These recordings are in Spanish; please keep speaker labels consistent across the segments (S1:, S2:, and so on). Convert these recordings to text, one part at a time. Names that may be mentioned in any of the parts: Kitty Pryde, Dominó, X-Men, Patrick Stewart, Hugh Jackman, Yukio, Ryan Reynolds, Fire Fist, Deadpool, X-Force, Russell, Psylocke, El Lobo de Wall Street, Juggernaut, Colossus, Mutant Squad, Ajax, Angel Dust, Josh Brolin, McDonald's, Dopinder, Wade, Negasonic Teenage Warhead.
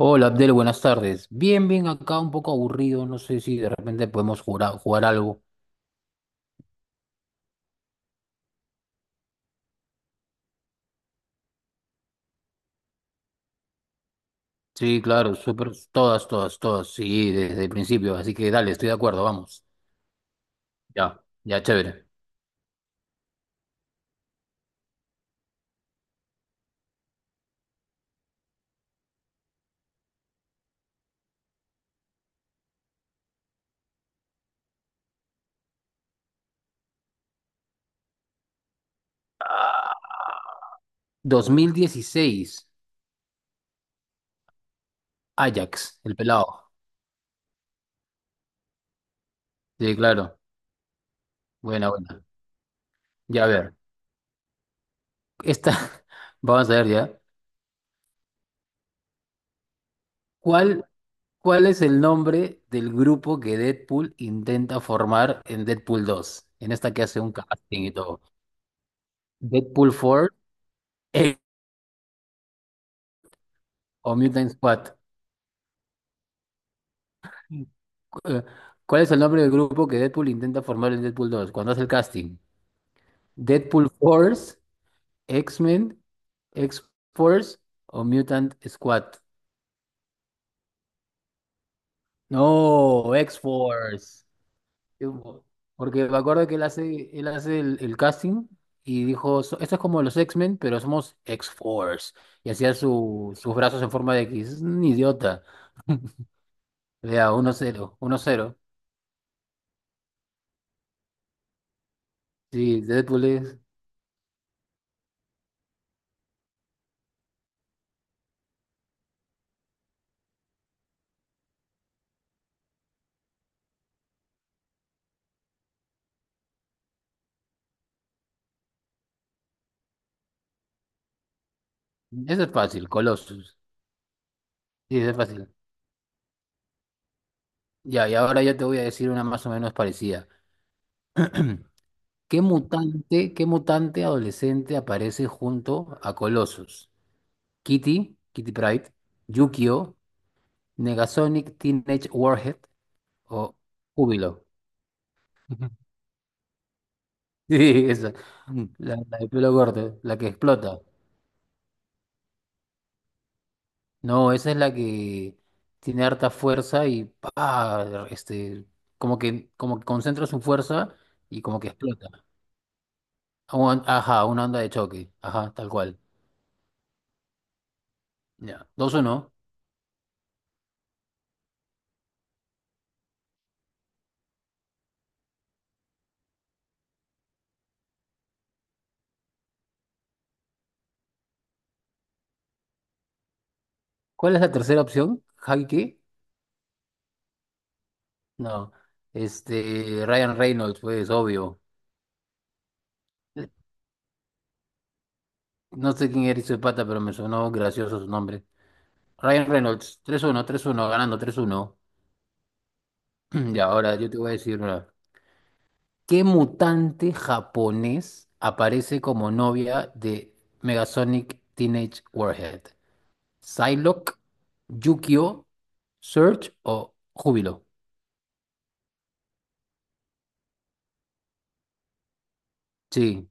S1: Hola Abdel, buenas tardes. Bien, bien, acá un poco aburrido, no sé si de repente podemos jugar, jugar algo. Sí, claro, súper, todas, todas, todas, sí, desde el principio, así que dale, estoy de acuerdo, vamos. Ya, ya, chévere. 2016, Ajax, el pelado. Sí, claro, buena, buena. Ya, a ver, esta, vamos a ver ya. ¿Cuál, cuál es el nombre del grupo que Deadpool intenta formar en Deadpool 2? En esta que hace un casting y todo. Deadpool 4 o Mutant Squad. Cu- eh, ¿Cuál es el nombre del grupo que Deadpool intenta formar en Deadpool dos cuando hace el casting? ¿Deadpool Force, X-Men, X-Force o Mutant Squad? No, X-Force. Yo- Porque me acuerdo que él hace el casting y dijo, "Esto es como los X-Men, pero somos X-Force". Y hacía sus brazos en forma de X. Es un idiota. Vea, uno cero uno cero. Sí, Deadpool es. Eso es fácil, Colossus. Sí, es fácil. Ya, y ahora yo te voy a decir una más o menos parecida. ¿Qué mutante adolescente aparece junto a Colossus? ¿Kitty Pryde, Yukio, Negasonic Teenage Warhead o Júbilo? Sí, esa. La de pelo corto, la que explota. No, esa es la que tiene harta fuerza y pa, como que concentra su fuerza y como que explota. Ajá, una onda de choque. Ajá, tal cual. Ya. Dos o no. ¿Cuál es la tercera opción? ¿Javi qué? No. Ryan Reynolds, pues, obvio. No sé quién era ese pata, pero me sonó gracioso su nombre. Ryan Reynolds, tres uno tres uno ganando tres uno. Y ahora yo te voy a decir una. ¿Qué mutante japonés aparece como novia de Megasonic Teenage Warhead? ¿Psylocke, Yukio, Surge o Júbilo? Sí.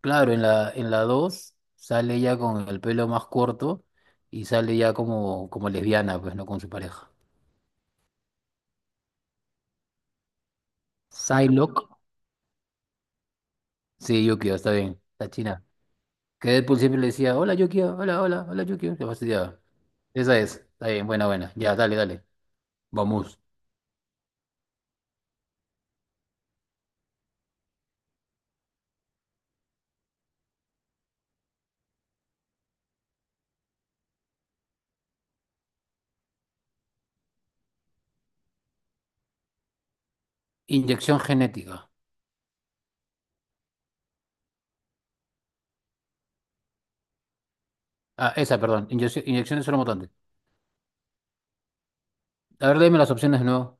S1: Claro, en la 2 sale ya con el pelo más corto y sale ya como lesbiana, pues, ¿no? Con su pareja. Psylocke, sí, Yukio, está bien, la china. Que Deadpool siempre le decía, hola Yukio, hola, hola, hola Yukio, se fastidiaba. Esa es, está bien, buena, buena, ya, dale, dale, vamos. Inyección genética. Ah, esa, perdón, inyección de suero mutante. A ver, dime las opciones de nuevo.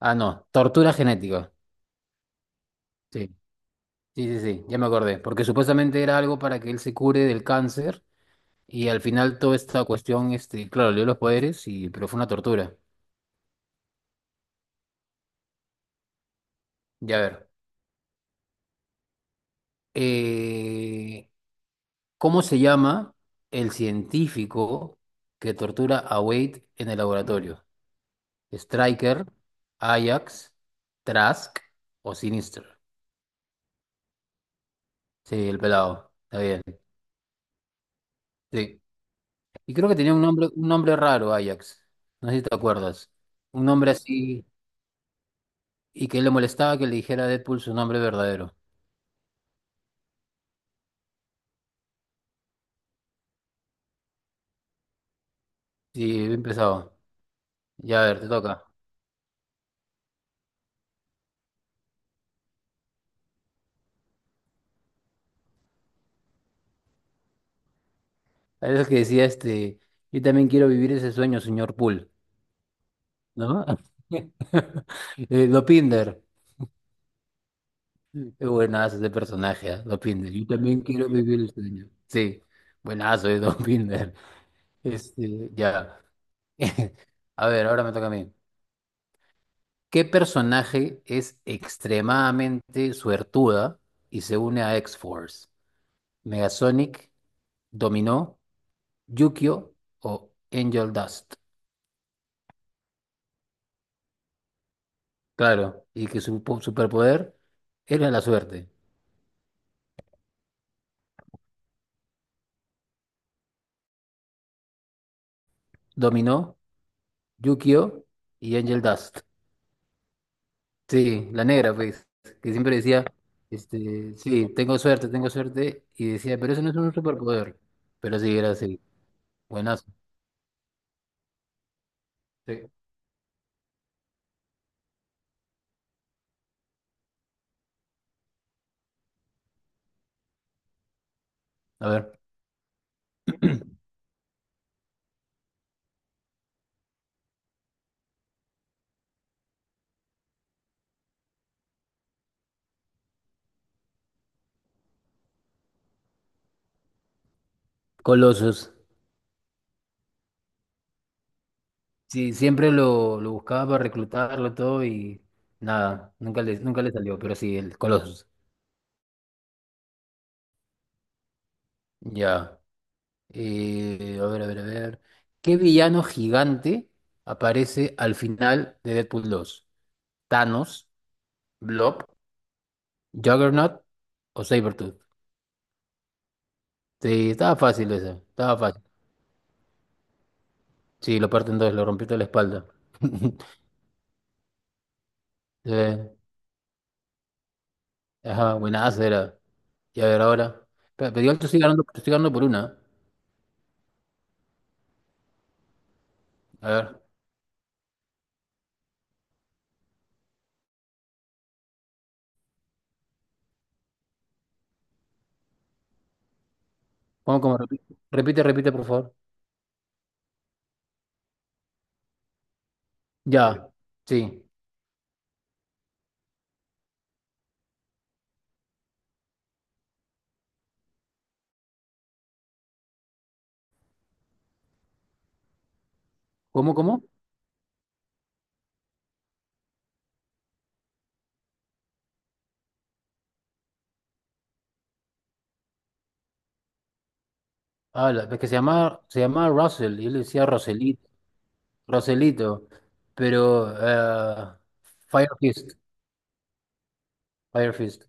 S1: Ah, no, tortura genética. Sí, sí, sí, sí, ya me acordé, porque supuestamente era algo para que él se cure del cáncer. Y al final toda esta cuestión, claro, le dio los poderes, pero fue una tortura. Ya a ver. eh, ¿Cómo se llama el científico que tortura a Wade en el laboratorio? ¿Striker, Ajax, Trask o Sinister? Sí, el pelado. Está bien. Sí. Y creo que tenía un nombre raro, Ajax. No sé si te acuerdas. Un nombre así. Y que le molestaba que le dijera a Deadpool su nombre verdadero. Sí, bien pesado. Ya a ver, te toca. Parece que decía yo también quiero vivir ese sueño, señor Poole, ¿no? Dopinder, qué buenazo ese personaje, ¿ah? Dopinder, yo también quiero vivir el sueño. Sí, buenazo de Dopinder. Ya. A ver, ahora me toca a mí. ¿Qué personaje es extremadamente suertuda y se une a X-Force? ¿Megasonic, Dominó, Yukio o Angel Dust? Claro, y que su superpoder era la suerte. Dominó, Yukio y Angel Dust. Sí, la negra, pues, que siempre decía, sí, tengo suerte, y decía, pero eso no es un superpoder. Pero sí, era así, buenazo. Sí. A ver, Colossus. Sí, siempre lo buscaba para reclutarlo todo y nada, nunca le salió, pero sí, el Colossus. Ya. A ver, a ver, a ver. ¿Qué villano gigante aparece al final de Deadpool dos? ¿Thanos, Blob, Juggernaut o Sabretooth? Sí, estaba fácil, esa estaba fácil. Sí, lo parten dos, lo rompió toda la espalda. Sí, ajá, buenazo era. Y a ver, ahora. Pero igual te estoy ganando por una, ¿eh? A ver, ¿cómo? Repite, repite, repite, por favor. Ya, sí. ¿Cómo? Ah, es que se llama, Russell, y él decía Russell. Roselito, pero Fire Fist, Fire Fist.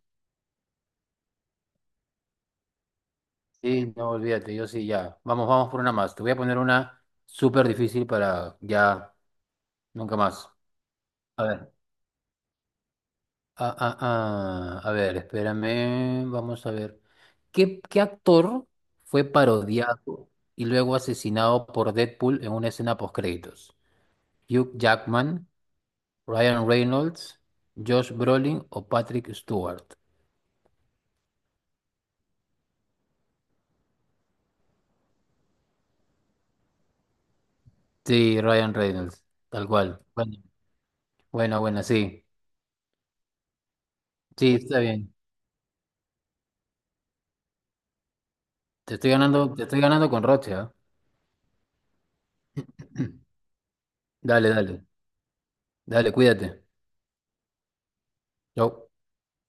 S1: Sí, no olvídate, yo sí, ya. Vamos, vamos por una más. Te voy a poner una súper difícil para ya, nunca más. A ver, ah, ah, ah, a ver, espérame, vamos a ver. ¿Qué actor fue parodiado y luego asesinado por Deadpool en una escena postcréditos? ¿Hugh Jackman, Ryan Reynolds, Josh Brolin o Patrick Stewart? Sí, Ryan Reynolds, tal cual. Bueno, bueno, bueno, sí. Sí, está bien. Te estoy ganando con Roche, ¿ah? Dale, dale. Dale, cuídate. Chau.